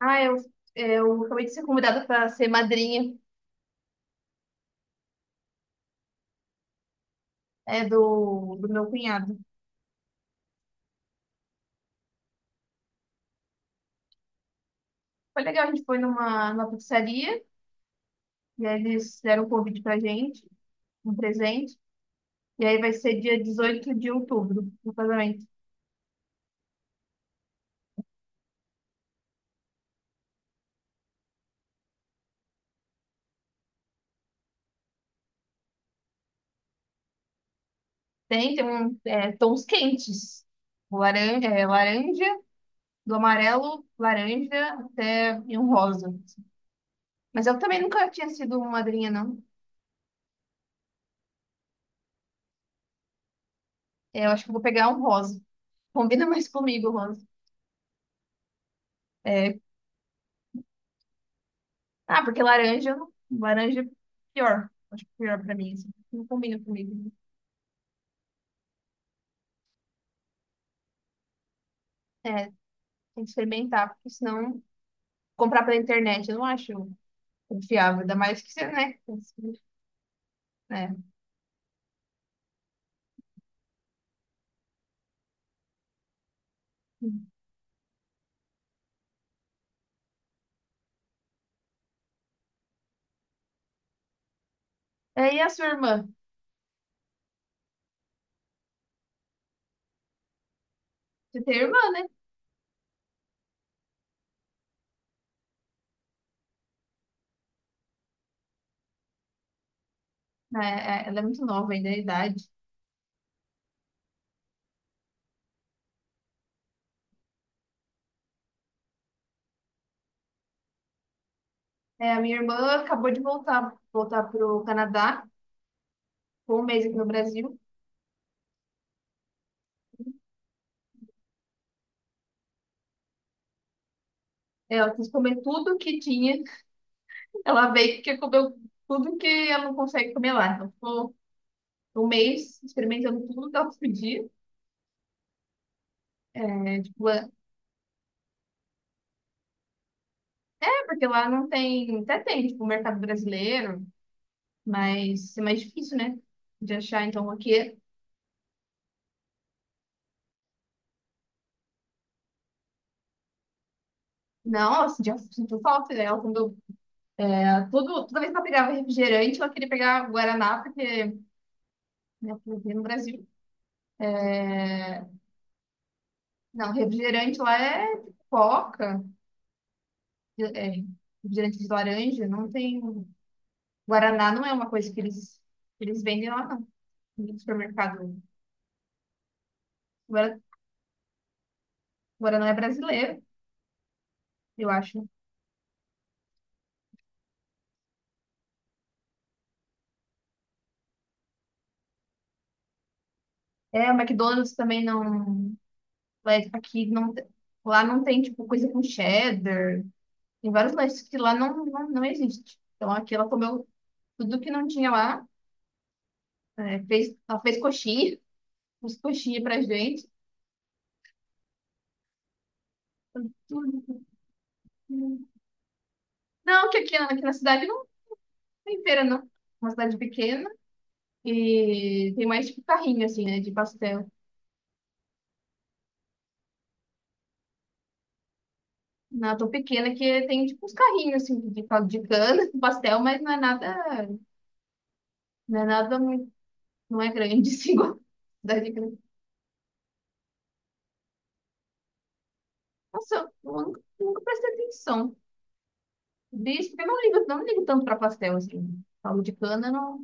Ah, eu, eu acabei de ser convidada para ser madrinha, é, do meu cunhado. Foi legal, a gente foi numa pizzaria e aí eles deram um convite pra gente, um presente. E aí vai ser dia 18 de outubro, o casamento. Tem, tem um, é, tons quentes. Laranja, do amarelo, laranja até e um rosa. Mas eu também nunca tinha sido madrinha, não. É, eu acho que eu vou pegar um rosa. Combina mais comigo, rosa. É. Ah, porque laranja, eu não- Laranja é pior. Acho que é pior pra mim, assim. Não combina comigo. É, tem que experimentar, porque senão comprar pela internet eu não acho confiável. Ainda mais que você, né? É. É, e a sua irmã? Você tem irmã, né? É, ela é muito nova ainda, a idade. É, a minha irmã acabou de voltar pro Canadá, ficou um mês aqui no Brasil. Ela quis comer tudo que tinha. Ela veio porque comeu tudo que ela não consegue comer lá. Então ficou um mês experimentando tudo que ela podia. É, tipo, porque lá não tem, até tem, tipo, o mercado brasileiro, mas é mais difícil, né? De achar. Então aqui, nossa, já sinto falta dela. Quando, é, tudo, toda vez que ela pegava refrigerante, ela queria pegar Guaraná, porque, né, porque no Brasil. É, não, refrigerante lá é coca, é, é, refrigerante de laranja, não tem. Guaraná não é uma coisa que eles vendem lá, não, no supermercado. Guara- Guaraná é brasileiro, eu acho. É, o McDonald's também não. Mas aqui não, te- Lá não tem, tipo, coisa com cheddar. Tem vários lanches que lá não existe. Então aqui ela comeu tudo que não tinha lá. Ela fez coxinha, fez coxinha pra gente. Tudo. Não, que aqui, na- Aqui na cidade não tem feira, não. É uma cidade pequena e tem mais, tipo, carrinho, assim, né, de pastel. Na tão pequena que tem, tipo, uns carrinhos, assim, de cana, de pastel, mas não é nada muito, não é grande, assim, igual a cidade grande. Nossa, eu nunca prestei atenção. Bicho, eu não ligo tanto pra pastel, assim. Caldo de cana, não.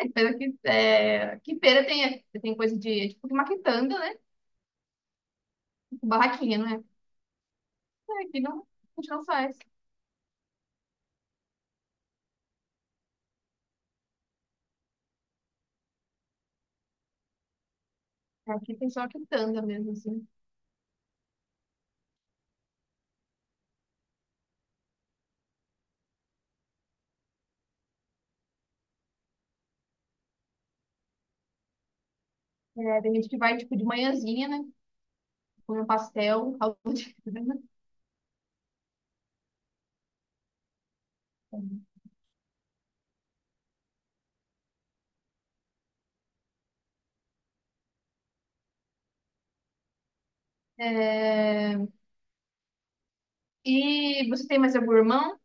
Ai, pena que, é, aqui feira tem, é, tem coisa de, é tipo, maquitanga, né? Tipo, barraquinha, não é? É, aqui não, a gente não faz. É, aqui tem só quitanda mesmo, assim. É, tem gente que vai, tipo, de manhãzinha, né? Come um pastel, caldo de cana. É, e você tem mais algum irmão?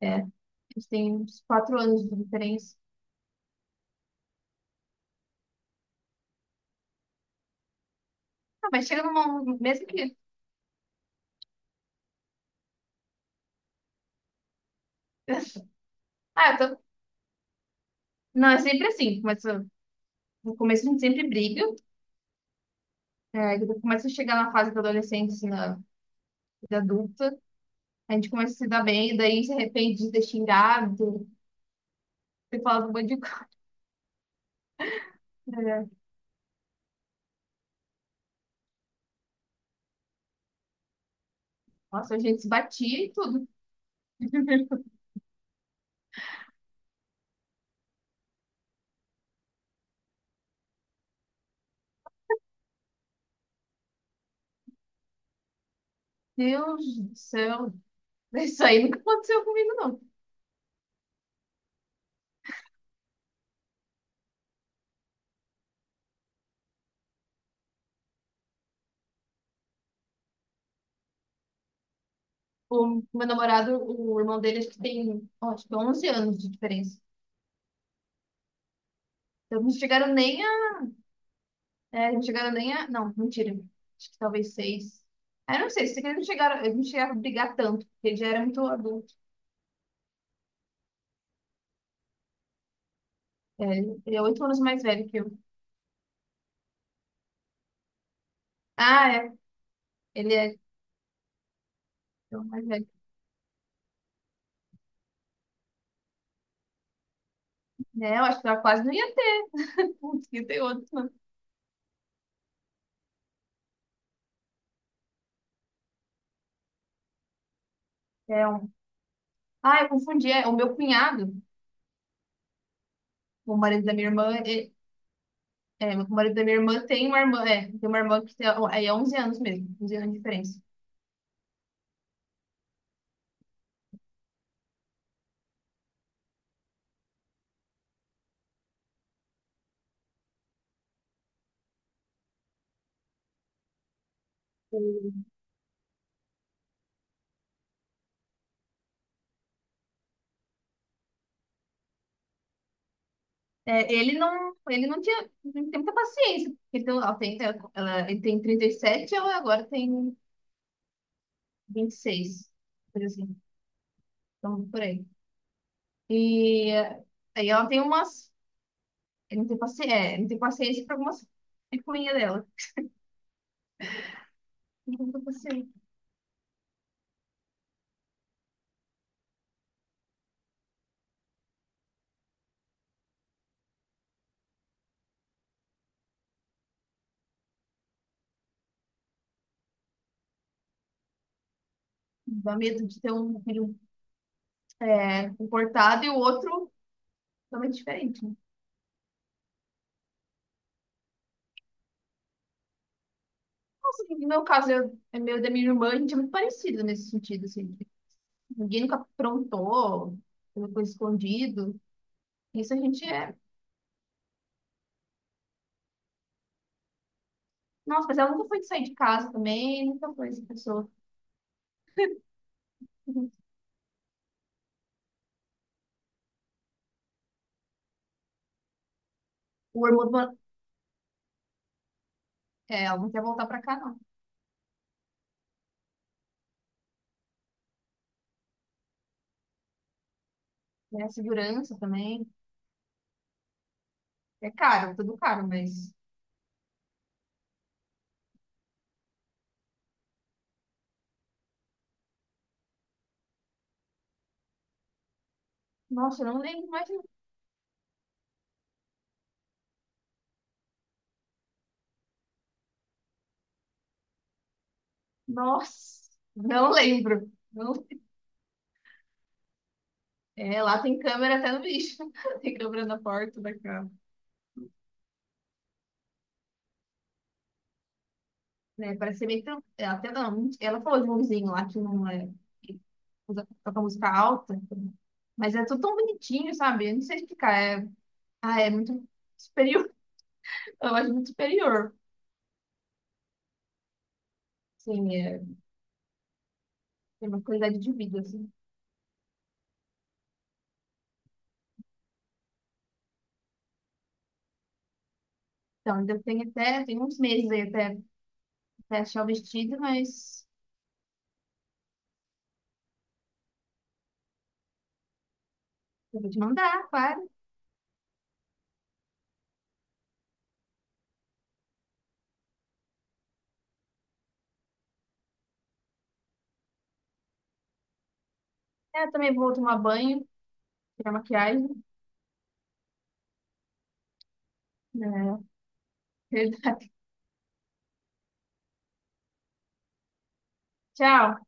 É, eles têm uns quatro anos de diferença. Ah, mas chega numa, mesmo que... Ah, eu tô, Não, é sempre assim. No começo a gente sempre briga. É, quando começa a chegar na fase da adolescência, na vida adulta, a gente começa a se dar bem, e daí se arrepende de ter xingado, ter falado um monte de coisa. Né? Nossa, a gente se batia e tudo. Deus do céu. Isso aí nunca aconteceu comigo, não. O meu namorado, o irmão dele, acho que tem, ó, acho que 11 anos de diferença. Então, não chegaram nem a. É, não chegaram nem a. Não, mentira. Acho que talvez seis. Ah, eu não sei, se eles não chegaram, eles não chegaram a brigar tanto, porque ele já era muito adulto. Ele é oito anos mais velho que eu. Ah, é. Ele é oito mais velho. Né, eu acho que ela quase não ia ter. Putz, que tem outro. É um... Ah, eu confundi. É, o meu cunhado, o marido da minha irmã, o marido da minha irmã tem uma irmã, que tem, aí é 11 anos mesmo, 11 anos de diferença. É, ele não tinha, não tem muita paciência. Porque ele tem 37 e ela agora tem 26, coisa assim, então por aí. E eh, aí ela tem umas Eu não tenho paciência, é, não tenho paciência para algumas picuinhas dela. Não tenho paciência. Dá medo de ter um filho, é, comportado e o outro totalmente diferente. Né? Nossa, no meu caso, eu, é meu e da minha irmã, a gente é muito parecido nesse sentido, assim. Ninguém nunca aprontou, nunca foi escondido. Isso a gente é. Nossa, mas ela nunca foi de sair de casa também, nunca foi essa pessoa. Uhum. O hormônio, Ela não quer voltar pra cá, não. É a segurança também. É caro, tudo caro, mas. Nossa, eu não lembro mais. Nossa, não lembro. Não- É, lá tem câmera até no bicho. Tem câmera na porta da casa. Né, parece ser bem tran- é, Até não. Ela falou de um vizinho lá que não é. que Toca música alta. Mas é tudo tão bonitinho, sabe? Eu não sei explicar. É, ah, é muito superior. Eu acho muito superior. Assim, é, tem uma qualidade de vida, assim. Então, ainda tem até, tem uns meses aí até, até achar o vestido, mas eu vou te mandar, claro. É, eu também vou tomar banho, tirar maquiagem. É, verdade. Tchau.